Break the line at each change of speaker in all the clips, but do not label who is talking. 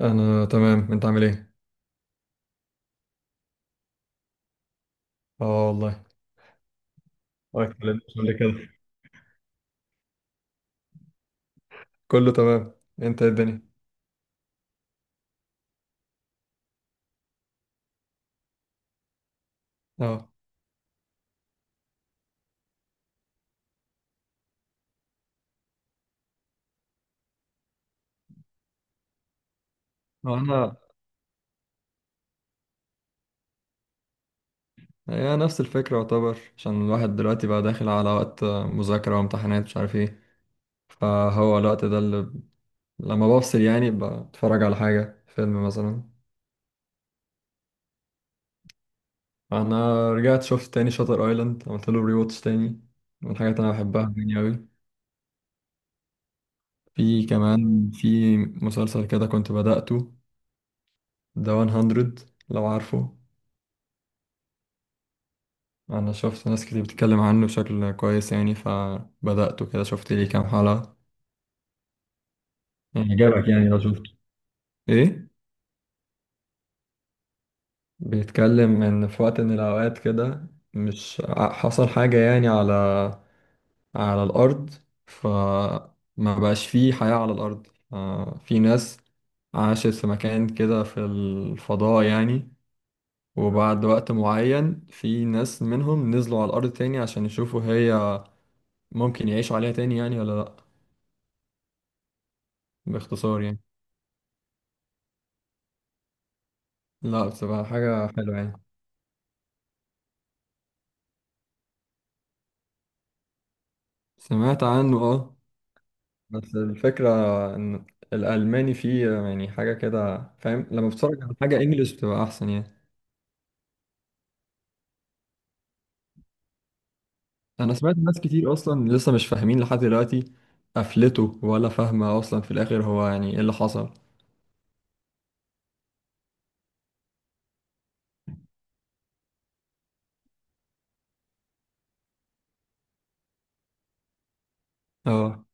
انا تمام، انت عامل ايه؟ اه والله. ما اتكلمناش قبل كده. كله تمام. انت إيه الدنيا؟ اه. هو انا هي نفس الفكره يعتبر، عشان الواحد دلوقتي بقى داخل على وقت مذاكره وامتحانات، مش عارف ايه. فهو الوقت ده اللي لما بفصل يعني بتفرج على حاجه، فيلم مثلا. انا رجعت شفت تاني شاتر ايلاند، عملت له ري واتش تاني. من الحاجات اللي انا بحبها يعني قوي. في كمان في مسلسل كده كنت بدأته، ذا 100، لو عارفه. انا شفت ناس كتير بتتكلم عنه بشكل كويس يعني، فبدأته كده شفت ليه كام حلقة. يعني عجبك يعني لو شفته. ايه. بيتكلم ان في وقت من الاوقات كده، مش ع- حصل حاجة يعني على الارض، فما بقاش فيه حياة على الارض. آه، في ناس عاشت في مكان كده في الفضاء يعني، وبعد وقت معين في ناس منهم نزلوا على الارض تاني عشان يشوفوا هي ممكن يعيشوا عليها تاني يعني ولا لا. باختصار يعني. لا، بصراحة حاجة حلوة يعني. سمعت عنه، اه. بس الفكرة ان الألماني فيه يعني حاجة كده فاهم، لما بتتفرج على حاجة انجلش بتبقى أحسن يعني. أنا سمعت ناس كتير أصلا لسه مش فاهمين لحد دلوقتي قفلته، ولا فاهمة أصلا في الآخر هو يعني إيه اللي حصل. اه.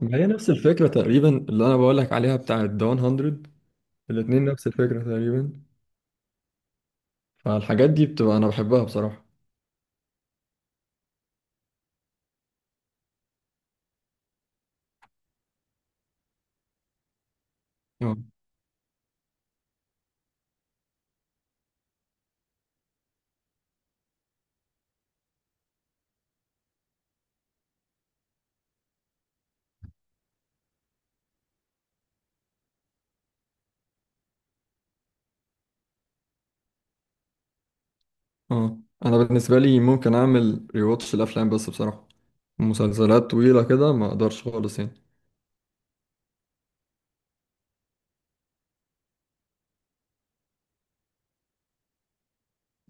ما هي نفس الفكرة تقريبا اللي أنا بقولك عليها، بتاعة داون هندرد. الاتنين نفس الفكرة تقريبا. فالحاجات دي بتبقى أنا بحبها بصراحة. آه. اه، انا بالنسبه لي ممكن اعمل ريواتش الافلام، بس بصراحه مسلسلات طويله كده ما اقدرش خالص يعني.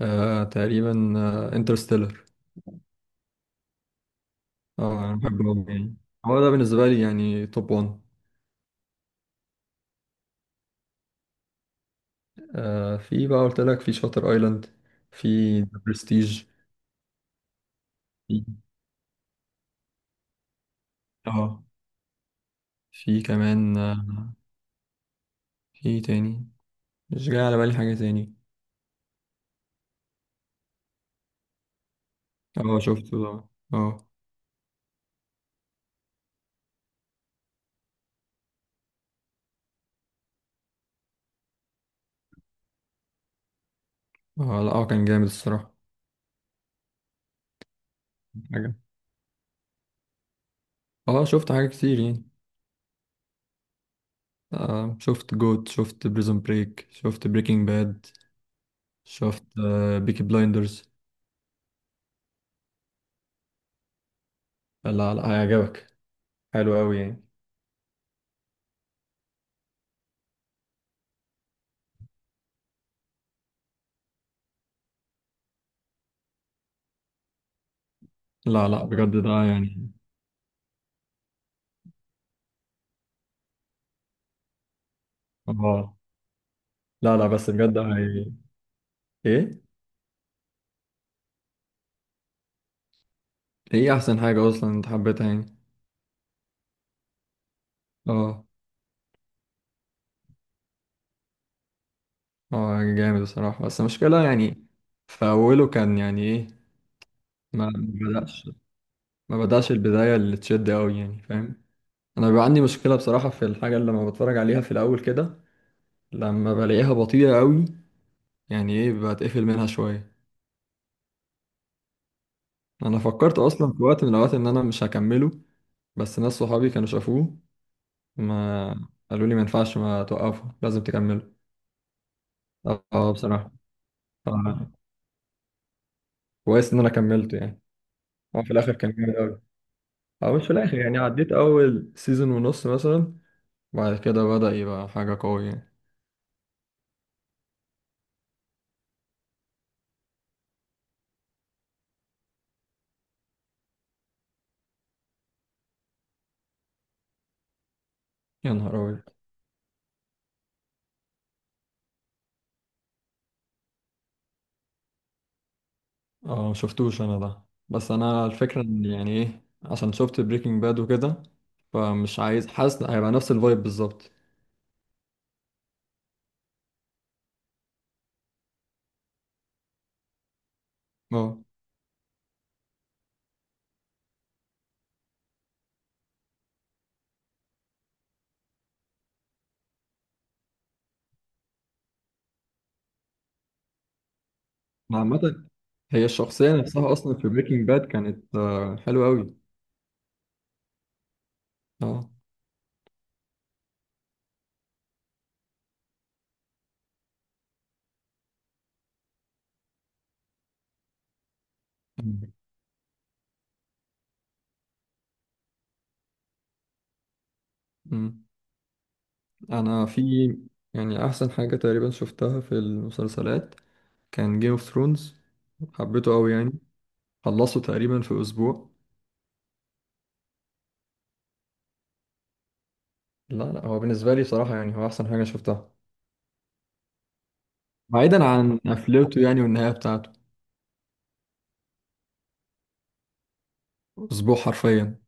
آه تقريبا. انترستيلر. اه Interstellar. آه، انا بحبه أوي يعني. هو ده بالنسبه لي يعني توب 1. آه، في بقى قلت لك في شاتر ايلاند. في ذا برستيج. في اه في كمان آه. في تاني. مش جاي على بالي حاجه تاني. اه شفته ده. اه. اه لا، كان جامد الصراحه. حاجه. اه شفت حاجه كتير يعني. آه شفت جوت، شفت بريزون بريك، شفت بريكنج باد. شفت بيكي بلايندرز. لا لا، هيعجبك. حلو قوي يعني. لا لا، بجد ده يعني. اه. لا لا، بس بجد هي. ايه. ايه احسن حاجة اصلا انت حبيتها يعني. اه. اه جامد الصراحة، بس المشكلة يعني في اوله كان يعني ايه. ما بدأش، ما بدأش البداية اللي تشد قوي يعني فاهم. انا بيبقى عندي مشكلة بصراحة في الحاجة اللي لما بتفرج عليها في الاول كده لما بلاقيها بطيئة قوي، يعني ايه بتقفل منها شوية. انا فكرت اصلا في وقت من الاوقات ان انا مش هكمله، بس ناس صحابي كانوا شافوه، ما قالوا لي ما ينفعش ما توقفه لازم تكمله. اه بصراحة، آه، كويس ان انا كملته يعني. هو في الاخر كان جامد قوي، او مش في الاخر يعني، عديت اول سيزون ونص مثلا، وبعد كده بدأ يبقى حاجة قوية يعني. يا نهار ابيض. اه، مشفتوش انا ده، بس انا الفكرة ان يعني ايه عشان شفت بريكنج باد وكده، فمش عايز، حاسس هيبقى نفس الفايب بالظبط. اه. عامة هي الشخصية نفسها أصلا في بريكنج باد كانت حلوة أوي. اه. مم. مم. أنا في يعني أحسن حاجة تقريبا شفتها في المسلسلات كان جيم اوف ثرونز، حبيته أوي يعني. خلصته تقريبا في أسبوع. لا لا، هو بالنسبة لي بصراحة يعني هو أحسن حاجة شفتها، بعيدا عن قفلته يعني والنهاية بتاعته. أسبوع حرفيا.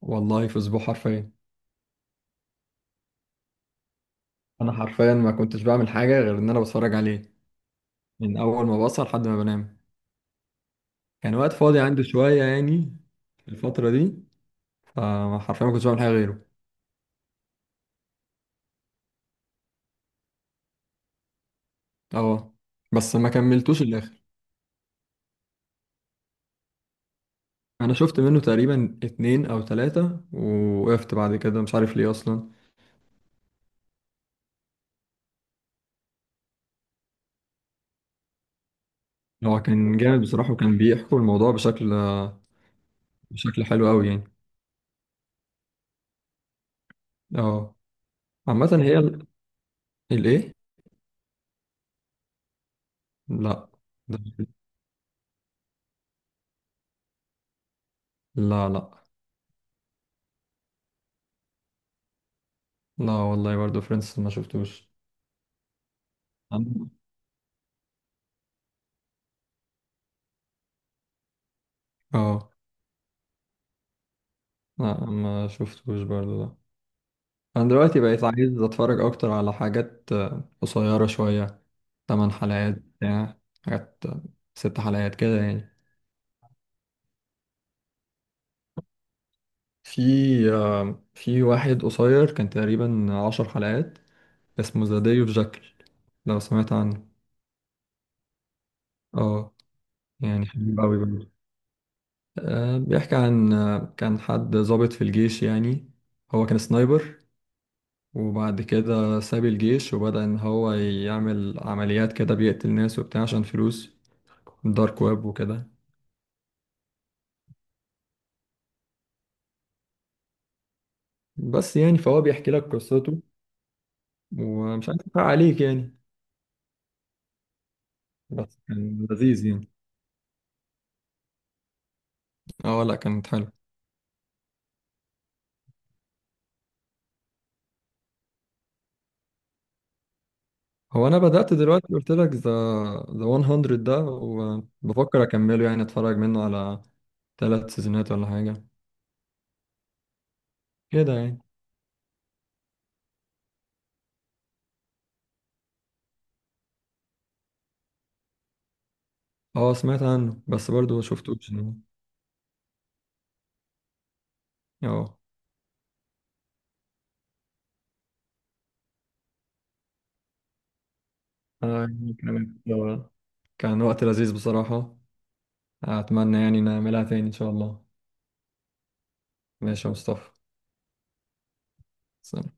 والله في أسبوع حرفيا. أنا حرفيا ما كنتش بعمل حاجة غير إن أنا بتفرج عليه من أول ما بصحى لحد ما بنام. كان وقت فاضي عندي شوية يعني في الفترة دي، فحرفيا ما كنتش بعمل حاجة غيره. اه، بس ما كملتوش الآخر. أنا شفت منه تقريبا اتنين أو تلاتة ووقفت بعد كده، مش عارف ليه أصلا. هو كان جامد بصراحة، وكان بيحكوا الموضوع بشكل حلو أوي يعني. اه. عامة هي الإيه؟ لأ. ده- لا لأ. لا والله برضه فريندز ما شفتوش. عن- اه لا، ما شفتوش برضه، لا. أنا دلوقتي بقيت عايز أتفرج أكتر على حاجات قصيرة شوية، 8 حلقات بتاع، حاجات، 6 حلقات كده يعني. في في واحد قصير كان تقريبا 10 حلقات، اسمه ذا داي اوف جاكل، لو سمعت عنه. اه. يعني حلو قوي برضه. آه، بيحكي عن كان حد ضابط في الجيش يعني، هو كان سنايبر، وبعد كده ساب الجيش وبدأ إن هو يعمل عمليات كده بيقتل ناس وبتاع عشان فلوس، دارك ويب وكده. بس يعني فهو بيحكي لك قصته، ومش عايز أحرق عليك يعني، بس كان لذيذ يعني. اه لا، كانت حلوة. هو انا بدأت دلوقتي قلت لك ذا 100 ده وبفكر اكمله، يعني اتفرج منه على 3 سيزونات ولا حاجة كده يعني. اه سمعت عنه بس برضو ما شفتوش يعني. اه. يعني كان كان وقت لذيذ بصراحة. اتمنى يعني نعملها تاني ان شاء الله. ماشي يا مصطفى. سلام.